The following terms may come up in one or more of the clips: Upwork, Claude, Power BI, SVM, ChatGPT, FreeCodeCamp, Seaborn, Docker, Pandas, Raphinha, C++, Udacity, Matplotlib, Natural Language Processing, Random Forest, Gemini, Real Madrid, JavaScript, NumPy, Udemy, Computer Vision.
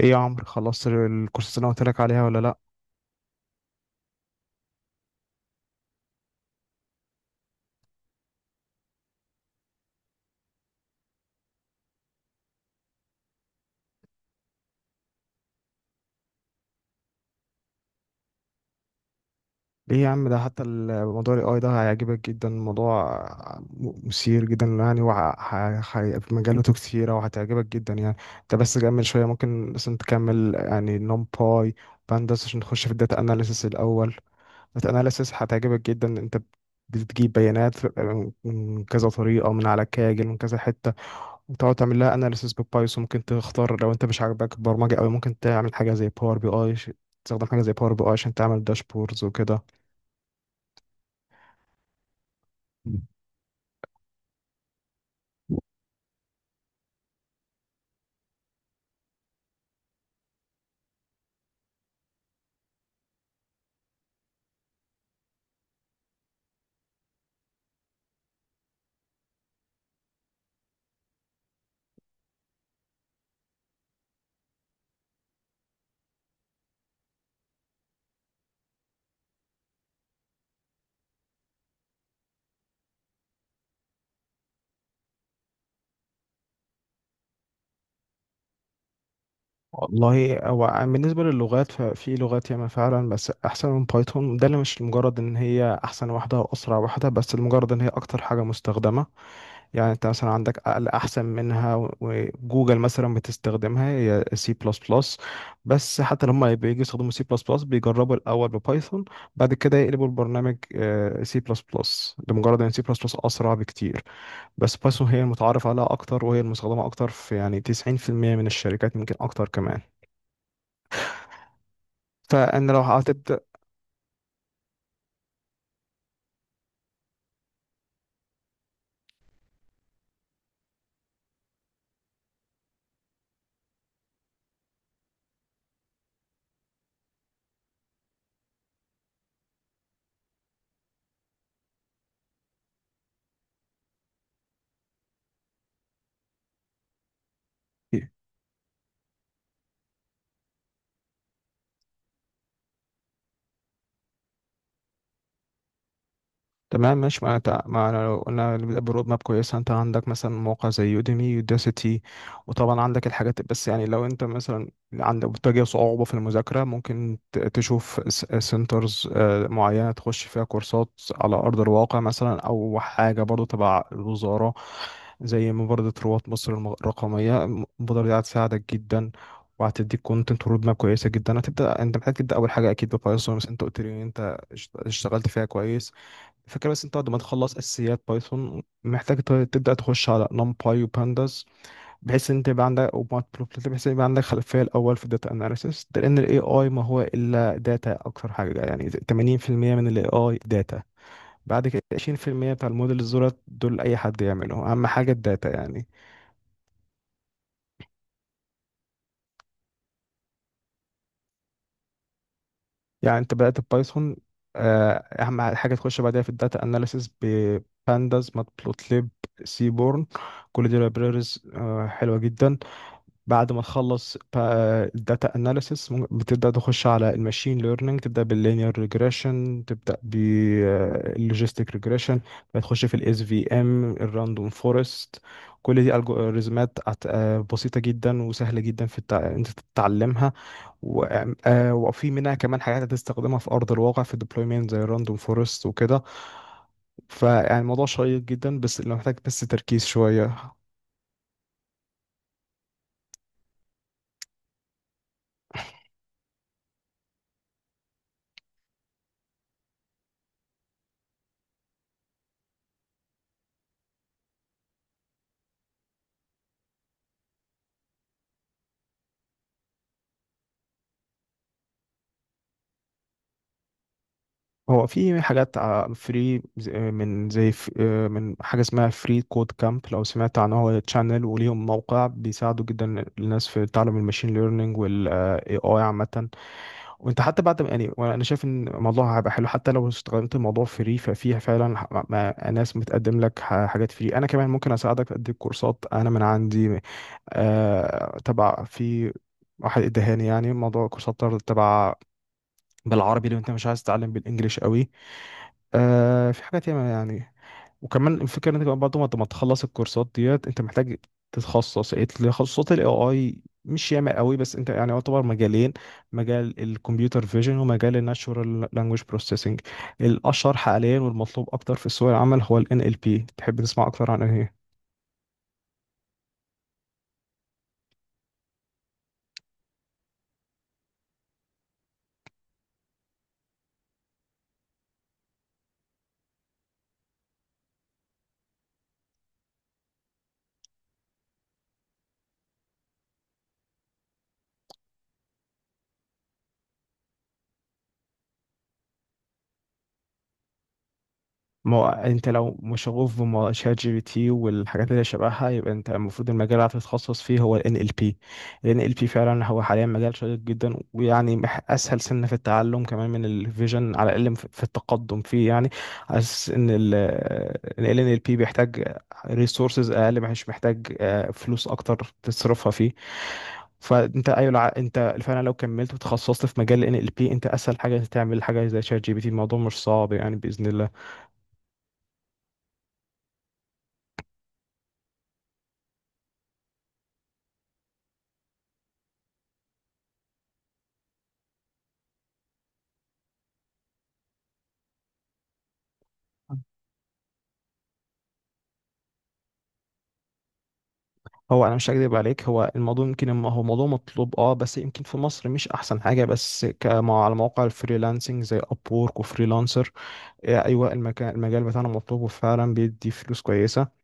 ايه يا عمرو، خلصت الكورسات اللي انا قلت لك عليها ولا لا؟ ليه يا عم، ده حتى الموضوع الاي اي ده هيعجبك جدا. الموضوع مثير جدا يعني، وفي مجالاته كتيره وهتعجبك جدا يعني. انت بس كمل شويه، ممكن مثلا تكمل يعني نمباي بانداس عشان تخش في الداتا اناليسيس الاول. الداتا اناليسيس هتعجبك جدا انت. بتجيب بيانات من كذا طريقه، من على كاجل، من كذا حته، وتقعد تعمل لها اناليسيس بالبايثون. ممكن تختار لو انت مش عاجبك البرمجه قوي، ممكن تعمل حاجه زي باور بي اي. تستخدم حاجه زي باور بي اي عشان تعمل داشبوردز وكده. والله، هو بالنسبه للغات ففي لغات ياما فعلا بس احسن من بايثون، ده اللي مش لمجرد ان هي احسن واحده او اسرع واحده، بس لمجرد ان هي اكتر حاجه مستخدمه. يعني انت مثلا عندك اقل احسن منها، وجوجل مثلا بتستخدمها هي سي بلس بلس. بس حتى لما بييجوا يستخدموا سي بلس بلس بيجربوا الاول ببايثون، بعد كده يقلبوا البرنامج سي بلس بلس، لمجرد ان سي بلس بلس اسرع بكتير. بس بايثون هي المتعارف عليها اكتر، وهي المستخدمه اكتر في يعني 90% من الشركات، يمكن اكتر كمان. فانا لو هتبدا. تمام ماشي. ما أنا لو قلنا اللي بيبقى برود ماب كويسة، أنت عندك مثلا موقع زي يوديمي، يوداسيتي، وطبعا عندك الحاجات. بس يعني لو أنت مثلا عندك بتواجه صعوبة في المذاكرة، ممكن تشوف سنترز معينة تخش فيها كورسات على أرض الواقع مثلا، أو حاجة برضو تبع الوزارة، زي مبادرة رواد مصر الرقمية. المبادرة دي هتساعدك جدا، وهتديك كونتنت ورود ماب كويسة جدا. هتبدأ أنت محتاج تبدأ أول حاجة أكيد ببايثون، بس أنت قلت لي إن أنت اشتغلت فيها كويس. الفكرة بس انت بعد ما تخلص اساسيات بايثون محتاج تبدا تخش على نمباي وبانداس، بحيث ان انت يبقى عندك وماتبلوبلت، بحيث ان يبقى عندك خلفيه الاول في الداتا اناليسيس ده، لان الاي اي ما هو الا داتا. اكتر حاجه يعني 80% من الاي اي داتا، بعد كده 20% بتاع الموديل دولت، دول اي حد يعمله، اهم حاجه الداتا يعني. يعني انت بدات بايثون، اهم حاجه تخش بعدها في الداتا اناليسيس: بانداس، ماتبلوتليب، سيبورن، كل دي لايبريريز حلوه جدا. بعد ما تخلص الداتا اناليسيس بتبدا تخش على الماشين ليرنينج، تبدا باللينير ريجريشن، تبدا باللوجيستيك ريجريشن، بتخش في الاس في ام، الراندوم فورست، كل دي الجوريزمات بسيطه جدا وسهله جدا في انت تتعلمها. وفي منها كمان حاجات هتستخدمها في ارض الواقع في الديبلويمنت زي الراندوم فورست وكده. فيعني الموضوع شيق جدا، بس لو محتاج بس تركيز شويه. هو في حاجات فري، من زي من حاجة اسمها فري كود كامب، لو سمعت عنه، هو تشانل وليهم موقع، بيساعدوا جدا الناس في تعلم الماشين ليرنينج والاي اي عامة. وانت حتى بعد يعني انا شايف ان الموضوع هيبقى حلو حتى لو استخدمت الموضوع فري، ففيها فعلا ناس بتقدم لك حاجات فري. انا كمان ممكن اساعدك، اديك كورسات انا من عندي. تبع في واحد ادهاني، يعني موضوع كورسات تبع بالعربي لو انت مش عايز تتعلم بالانجليش قوي. آه في حاجات ياما يعني. وكمان الفكره ان انت كمان بعد ما تخلص الكورسات ديت انت محتاج تتخصص. إيه، تخصصات الاي اي مش ياما قوي، بس انت يعني يعتبر مجالين: مجال الكمبيوتر فيجن، ومجال الناتشورال لانجويج بروسيسنج. الاشهر حاليا والمطلوب اكتر في سوق العمل هو ال NLP. تحب تسمع اكتر عن ايه؟ ما هو انت لو مشغوف بشات جي بي تي والحاجات اللي شبهها، يبقى انت المفروض المجال اللي هتتخصص فيه هو ال NLP. ال NLP فعلا هو حاليا مجال شيق جدا، ويعني اسهل سنة في التعلم كمان من الفيجن، على الاقل في التقدم فيه يعني. حاسس ان ال NLP بيحتاج ريسورسز اقل، مش محتاج فلوس اكتر تصرفها فيه. فانت ايوه، انت فعلا لو كملت وتخصصت في مجال ال NLP انت اسهل حاجة تعمل حاجة زي شات جي بي تي، الموضوع مش صعب يعني بإذن الله. هو انا مش هكذب عليك، هو الموضوع يمكن هو موضوع مطلوب اه، بس يمكن في مصر مش احسن حاجه، بس كما على مواقع الفريلانسنج زي ابورك وفريلانسر. ايوه، المكان، المجال بتاعنا مطلوب وفعلا بيدي فلوس كويسه.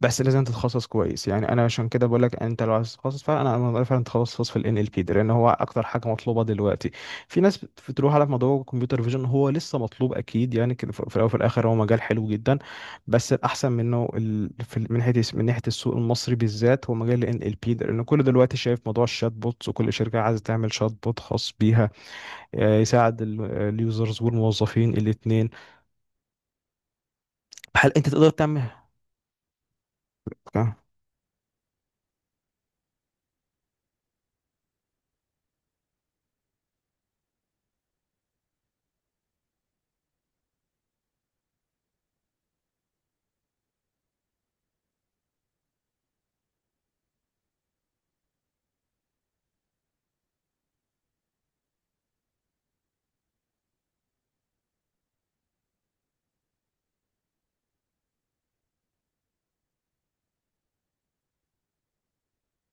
بس لازم تتخصص كويس، يعني انا عشان كده بقول لك انت لو عايز تتخصص فعلا، أنا فعلا تخصص في الان ال بي ده لان هو اكتر حاجه مطلوبه دلوقتي. في ناس بتروح على موضوع الكمبيوتر فيجن. هو لسه مطلوب اكيد يعني كده، في الاول وفي الاخر هو مجال حلو جدا، بس الاحسن منه من ناحيه، السوق المصري بالذات، هو مجال الان ال بي ده، لان كل دلوقتي شايف موضوع الشات بوتس، وكل شركه عايزه تعمل شات بوت خاص بيها. يساعد اليوزرز والموظفين الاثنين. هل انت تقدر تعمل؟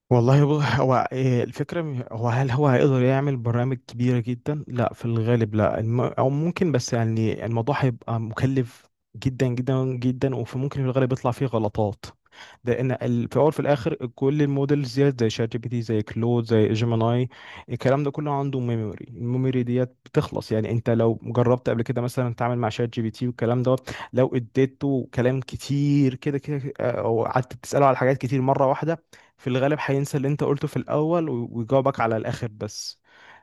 والله هو إيه الفكرة؟ هو هل هو هيقدر يعمل برامج كبيرة جدا؟ لا في الغالب لا، أو ممكن، بس يعني الموضوع هيبقى مكلف جدا جدا جدا، وممكن في الغالب يطلع فيه غلطات. لأن في الأول وفي الآخر كل المودلز ديت زي شات جي بي تي، زي كلود، زي جيميناي، الكلام ده كله عنده ميموري. الميموري ديت بتخلص، يعني أنت لو جربت قبل كده مثلا تعمل مع شات جي بي تي والكلام ده، لو اديته كلام كتير كده كده أو قعدت تسأله على حاجات كتير مرة واحدة، في الغالب هينسى اللي انت قلته في الاول، ويجاوبك على الاخر بس.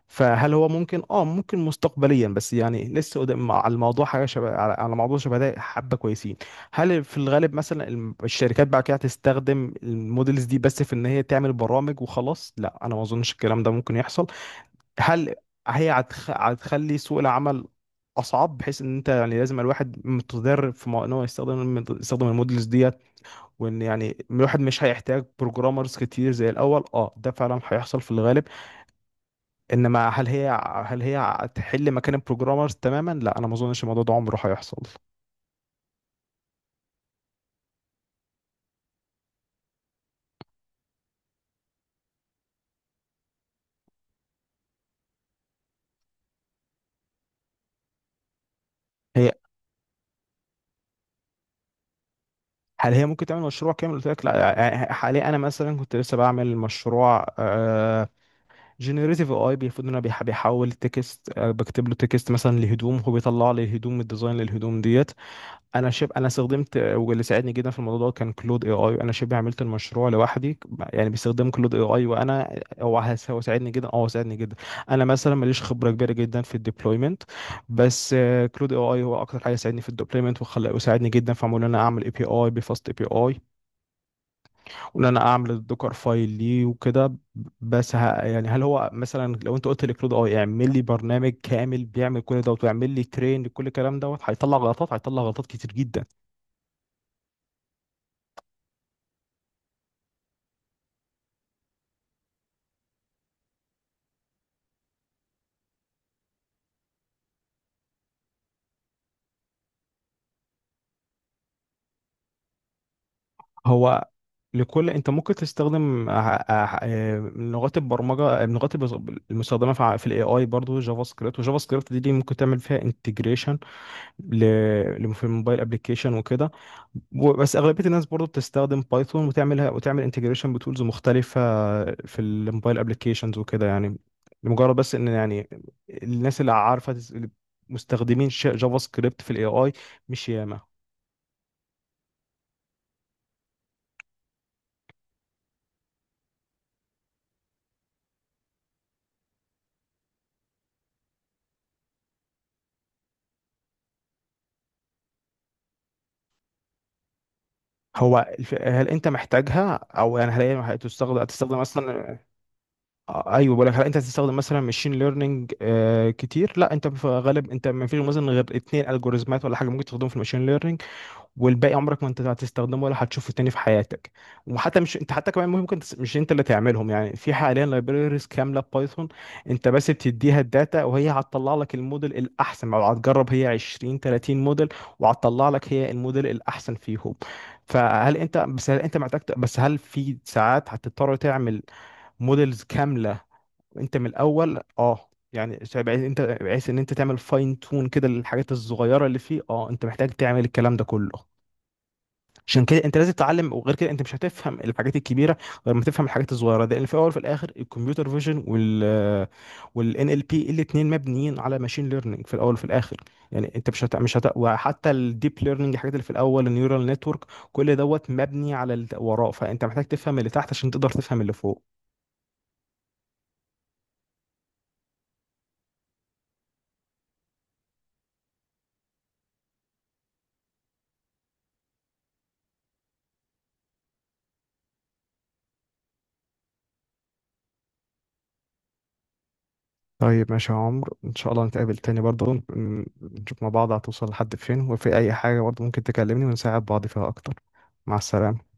فهل هو ممكن؟ اه ممكن مستقبليا، بس يعني لسه قدام على الموضوع. حاجه شبه، على موضوع شبه ده حبه كويسين. هل في الغالب مثلا الشركات بعد كده هتستخدم المودلز دي بس في ان هي تعمل برامج وخلاص؟ لا، انا ما اظنش الكلام ده ممكن يحصل. هل هتخلي سوق العمل اصعب، بحيث ان انت يعني لازم الواحد متدرب في ان هو يستخدم يستخدم المودلز دي، وان يعني الواحد مش هيحتاج بروجرامرز كتير زي الاول؟ اه ده فعلا هيحصل في الغالب. انما هل هي هتحل مكان البروجرامرز تماما؟ لا انا ما اظنش الموضوع ده عمره هيحصل. هي هل هي ممكن تعمل مشروع كامل؟ قلت لك لا. يعني حاليا انا مثلا كنت لسه بعمل مشروع جنريتيف اي، المفروض ان انا بيحول تكست، بكتب له تكست مثلا لهدوم، هو بيطلع لي الهدوم، الديزاين للهدوم ديت. انا استخدمت، واللي ساعدني جدا في الموضوع ده كان كلود اي اي. انا شبه عملت المشروع لوحدي يعني، باستخدام كلود اي اي. وانا هو هو ساعدني جدا. اه هو ساعدني جدا. انا مثلا ماليش خبره كبيره جدا في الديبلويمنت، بس كلود اي اي هو اكتر حاجه ساعدني في الديبلويمنت، وخلى وساعدني جدا في ان انا اعمل اي بي اي بفاست اي بي اي، وان انا اعمل الدوكر فايل ليه وكده. بس ه... يعني هل هو مثلا لو انت قلت لكلود اي اعمل لي برنامج كامل بيعمل كل دوت ويعمل لي ترين لكل الكلام دوت، هيطلع غلطات، هيطلع غلطات كتير جدا. هو انت ممكن تستخدم لغات البرمجه. لغات المستخدمه في في الاي اي برضه جافا سكريبت. وجافا سكريبت دي، ممكن تعمل فيها انتجريشن في الموبايل ابلكيشن وكده، بس اغلبيه الناس برضه بتستخدم بايثون وتعملها وتعمل انتجريشن بتولز مختلفه في الموبايل ابلكيشنز وكده يعني. لمجرد بس ان يعني الناس اللي عارفه اللي مستخدمين جافا سكريبت في الاي اي مش ياما. هل انت محتاجها؟ او يعني هل هي هتستخدم مثلا؟ ايوه، بقول لك، هل انت هتستخدم مثلا ماشين ليرنينج كتير؟ لا، انت في غالب انت ما فيش مثلا غير اتنين الجوريزمات ولا حاجه ممكن تستخدمهم في الماشين ليرنينج، والباقي عمرك ما انت هتستخدمه ولا هتشوفه تاني في حياتك. وحتى مش انت حتى كمان ممكن مش انت اللي تعملهم، يعني في حاليا لايبريز كامله بايثون، انت بس بتديها الداتا وهي هتطلع لك الموديل الاحسن، او هتجرب هي 20 30 موديل، وهتطلع لك هي الموديل الاحسن فيهم. فهل انت بس، هل انت محتاج بس هل في ساعات هتضطر تعمل موديلز كامله انت من الاول؟ اه يعني بحيث انت بحيث ان انت تعمل فاين تون كده للحاجات الصغيره اللي فيه، اه انت محتاج تعمل الكلام ده كله. عشان كده انت لازم تتعلم، وغير كده انت مش هتفهم الحاجات الكبيره غير ما تفهم الحاجات الصغيره ده، لان في الاول وفي الاخر الكمبيوتر فيجن والان ال بي الاثنين مبنيين على ماشين ليرنينج في الاول وفي الاخر. يعني انت مش هت... مش هت... وحتى الديب ليرنينج، الحاجات اللي في الاول النيورال نتورك، كل دوت مبني على اللي وراه، فانت محتاج تفهم اللي تحت عشان تقدر تفهم اللي فوق. طيب ماشي يا عمرو، ان شاء الله نتقابل تاني برضه، نشوف مع بعض هتوصل لحد فين، وفي اي حاجه برضه ممكن تكلمني ونساعد بعض فيها اكتر. مع السلامه.